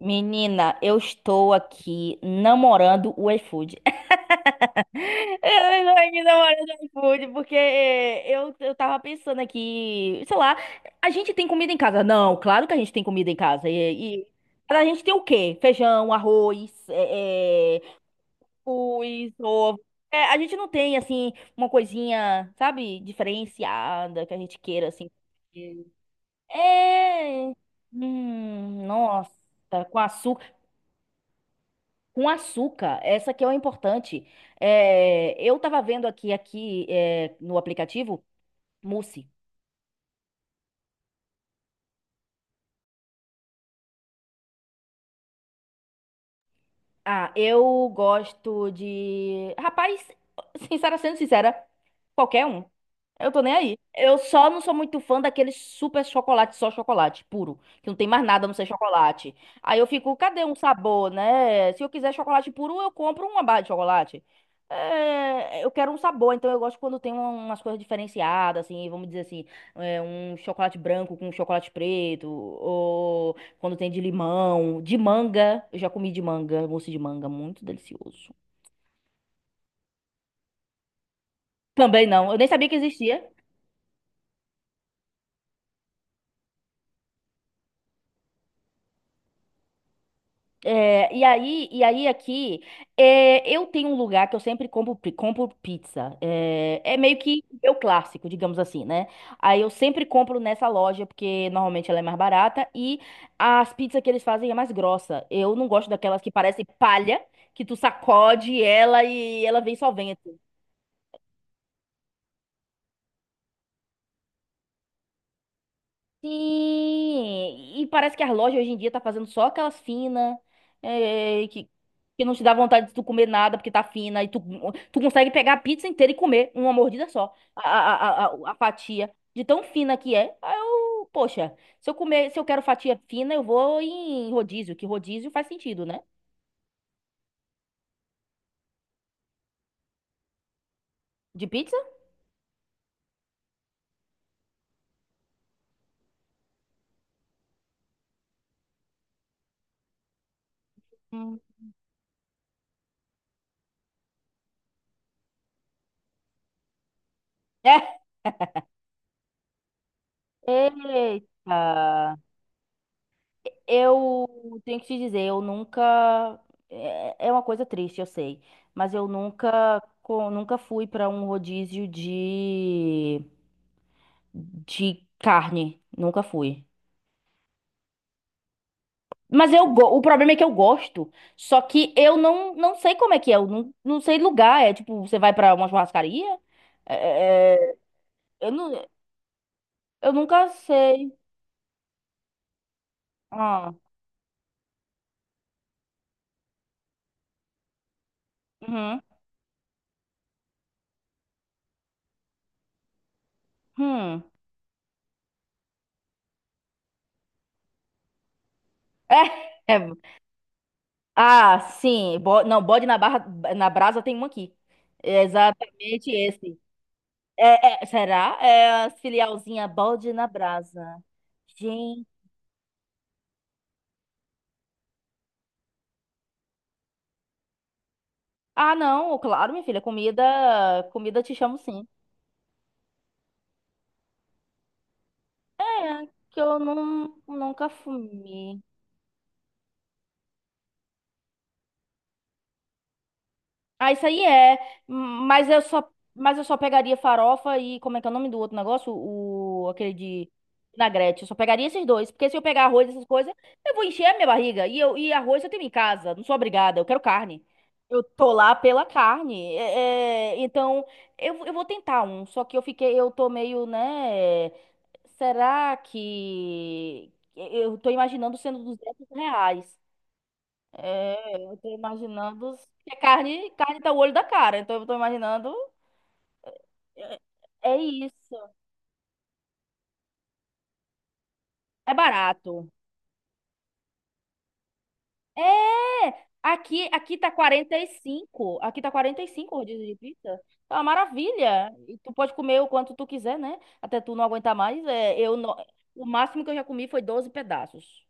Menina, eu estou aqui namorando o iFood. Eu estou aqui namorando o iFood porque eu tava pensando aqui, sei lá, a gente tem comida em casa? Não, claro que a gente tem comida em casa. Mas a gente tem o quê? Feijão, arroz, arroz, ovo. É, a gente não tem, assim, uma coisinha, sabe, diferenciada que a gente queira, assim. É. Nossa, com açúcar. Com açúcar, essa que é o importante. É, eu tava vendo aqui, no aplicativo, mousse. Ah, eu gosto de... Rapaz, sendo sincera, qualquer um. Eu tô nem aí. Eu só não sou muito fã daquele super chocolate, só chocolate puro, que não tem mais nada a não ser chocolate. Aí eu fico, cadê um sabor, né? Se eu quiser chocolate puro, eu compro uma barra de chocolate. É, eu quero um sabor, então eu gosto quando tem umas coisas diferenciadas, assim, vamos dizer assim, um chocolate branco com chocolate preto, ou quando tem de limão, de manga. Eu já comi de manga, mousse de manga, muito delicioso. Também não, eu nem sabia que existia. É, e aí aqui, é, eu tenho um lugar que eu sempre compro, compro pizza. É, é meio que meu clássico, digamos assim, né? Aí eu sempre compro nessa loja, porque normalmente ela é mais barata e as pizzas que eles fazem é mais grossa. Eu não gosto daquelas que parecem palha, que tu sacode ela e ela vem só vento. Sim, e parece que as lojas hoje em dia tá fazendo só aquelas finas, é, que, que não te dá vontade de tu comer nada porque tá fina, tu consegue pegar a pizza inteira e comer uma mordida só, a fatia, de tão fina que é. Aí eu, poxa, se eu quero fatia fina, eu vou em rodízio, que rodízio faz sentido, né? De pizza? Hum. É. Eita. Eu tenho que te dizer, eu nunca. É é uma coisa triste, eu sei. Mas eu nunca, nunca fui pra um rodízio de carne. Nunca fui. Mas eu, o problema é que eu gosto. Só que eu não sei como é que é. Eu não sei lugar. É tipo, você vai pra uma churrascaria? É- é- é, eu, não, eu nunca sei. Ah, uhum, hum. É. Ah, sim. Não, bode na barra, na brasa tem um aqui. É exatamente esse. Será? É a filialzinha bode na brasa. Gente. Ah, não, claro, minha filha. Comida, comida te chamo sim. É, que eu não, nunca fumi. Ah, isso aí é. Mas mas eu só pegaria farofa e como é que é o nome do outro negócio? O, aquele de vinagrete. Eu só pegaria esses dois, porque se eu pegar arroz e essas coisas, eu vou encher a minha barriga. E eu e arroz eu tenho em casa. Não sou obrigada. Eu quero carne. Eu tô lá pela carne. Então eu vou tentar um. Só que eu fiquei, eu tô meio, né? Será que eu tô imaginando sendo R$ 200? É, eu tô imaginando. Porque carne tá o olho da cara, então eu tô imaginando. É, é isso. É barato. É! Aqui tá 45. Aqui tá quarenta e cinco rodízio de pizza. Tá uma maravilha. E tu pode comer o quanto tu quiser, né? Até tu não aguentar mais. É, eu não... O máximo que eu já comi foi 12 pedaços.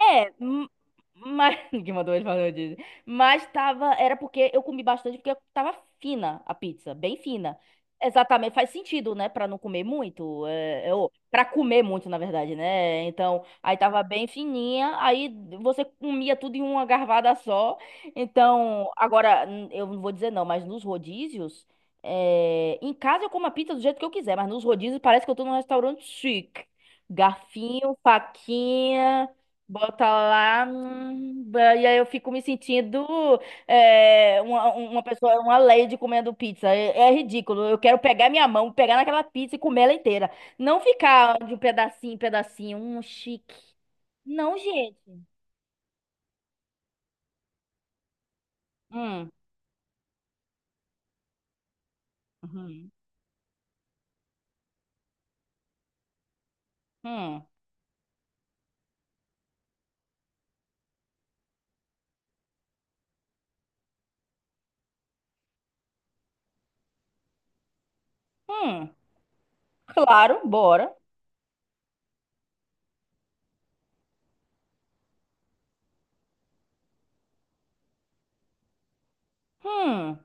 É, m- mas ninguém mandou ele fazer rodízio. Mas tava, era porque eu comi bastante porque tava fina a pizza, bem fina. Exatamente, faz sentido, né? Pra não comer muito, ou para comer muito, na verdade, né? Então, aí tava bem fininha, aí você comia tudo em uma garvada só. Então, agora eu não vou dizer não, mas nos rodízios, em casa eu como a pizza do jeito que eu quiser, mas nos rodízios parece que eu tô num restaurante chique. Garfinho, faquinha. Bota lá, e aí eu fico me sentindo uma pessoa, uma lady comendo pizza. É, é ridículo. Eu quero pegar minha mão, pegar naquela pizza e comer ela inteira. Não ficar de um pedacinho em pedacinho. Um chique. Não, gente. Hum, uhum, hum, hum. Claro, bora. Hum,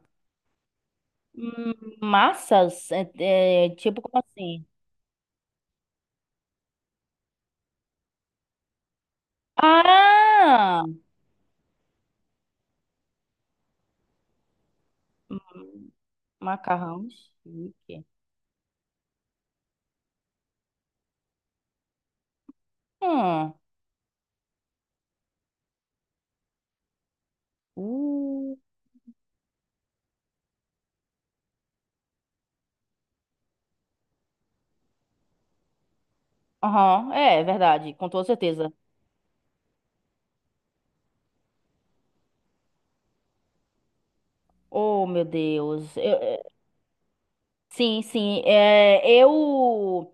hum, massas? Tipo, como assim? Ah! Hum, macarrão chique. Hum. Uh. Aham, é, é verdade, com toda certeza. Oh, meu Deus. Eh, sim, sim. É, eu.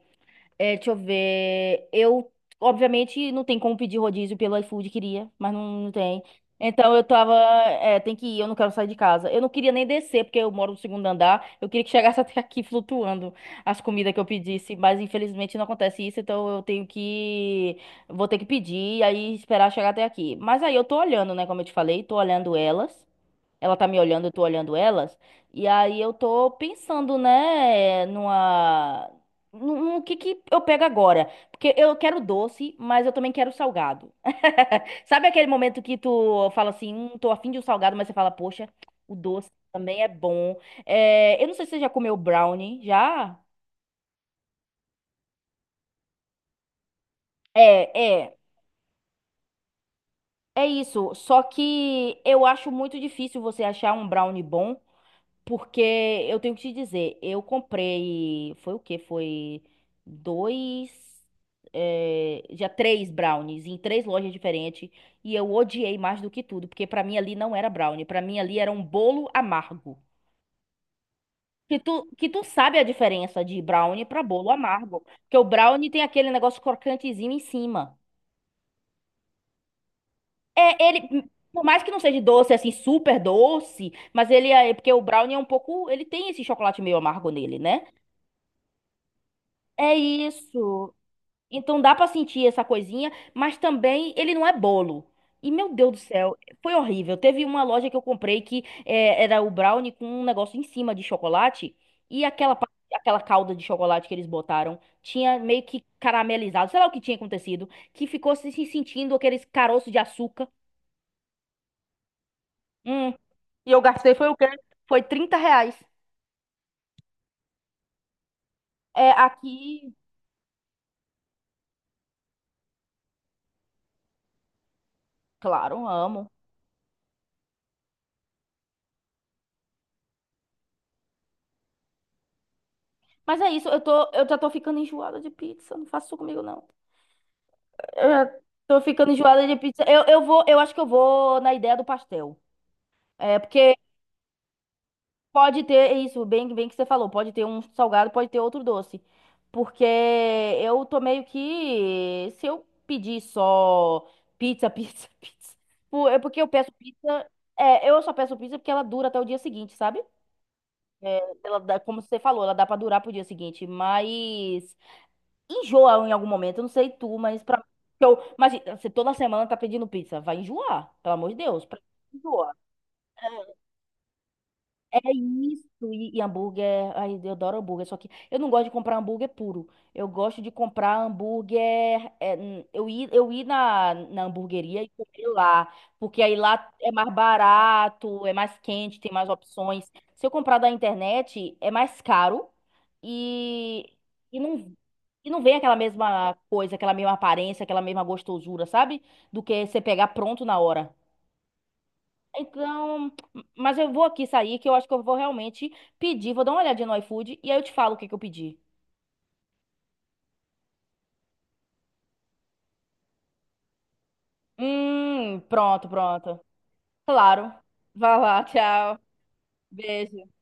É, deixa eu ver. Obviamente, não tem como pedir rodízio pelo iFood, queria, mas não, não tem. Então eu tava. É, tem que ir, eu não quero sair de casa. Eu não queria nem descer, porque eu moro no segundo andar. Eu queria que chegasse até aqui flutuando as comidas que eu pedisse, mas infelizmente não acontece isso, então eu tenho que. Vou ter que pedir e aí esperar chegar até aqui. Mas aí eu tô olhando, né, como eu te falei, tô olhando elas. Ela tá me olhando, eu tô olhando elas. E aí eu tô pensando, né, numa. No que eu pego agora? Porque eu quero doce, mas eu também quero salgado. Sabe aquele momento que tu fala assim, tô afim de um salgado, mas você fala, poxa, o doce também é bom. É, eu não sei se você já comeu brownie, já? É, é. É isso. Só que eu acho muito difícil você achar um brownie bom. Porque eu tenho que te dizer, eu comprei, foi o quê? Foi dois, já três brownies em três lojas diferentes e eu odiei mais do que tudo, porque pra mim ali não era brownie, pra mim ali era um bolo amargo. Que tu sabe a diferença de brownie pra bolo amargo, porque o brownie tem aquele negócio crocantezinho em cima. É, ele, por mais que não seja doce, assim, super doce, mas ele é, porque o brownie é um pouco, ele tem esse chocolate meio amargo nele, né? É isso. Então dá pra sentir essa coisinha, mas também ele não é bolo. E meu Deus do céu, foi horrível. Teve uma loja que eu comprei era o brownie com um negócio em cima de chocolate e aquela calda de chocolate que eles botaram tinha meio que caramelizado, sei lá o que tinha acontecido, que ficou se sentindo aqueles caroços de açúcar. Hum. E eu gastei foi o quê? Foi R$ 30. É, aqui, claro, amo. Mas é isso, eu já tô ficando enjoada de pizza, não faça isso comigo não. Eu já tô ficando enjoada de pizza. Eu acho que eu vou na ideia do pastel. É, porque pode ter é isso, bem que você falou, pode ter um salgado, pode ter outro doce. Porque eu tô meio que se eu pedir só pizza, É porque eu peço pizza, eu só peço pizza porque ela dura até o dia seguinte, sabe? É, ela dá, como você falou, ela dá pra durar pro dia seguinte, mas enjoa em algum momento. Eu não sei tu, mas eu, mas você toda semana tá pedindo pizza, vai enjoar, pelo amor de Deus, pra enjoa. É isso, e hambúrguer, ai, eu adoro hambúrguer, só que eu não gosto de comprar hambúrguer puro. Eu gosto de comprar hambúrguer, eu ir na hamburgueria e comer lá, porque aí lá é mais barato, é mais quente, tem mais opções. Se eu comprar da internet, é mais caro e, e e não vem aquela mesma coisa, aquela mesma aparência, aquela mesma gostosura, sabe? Do que você pegar pronto na hora. Então, mas eu vou aqui sair, que eu acho que eu vou realmente pedir. Vou dar uma olhadinha no iFood e aí eu te falo o que que eu pedi. Pronto, pronto. Claro. Vai lá, tchau. Beijo.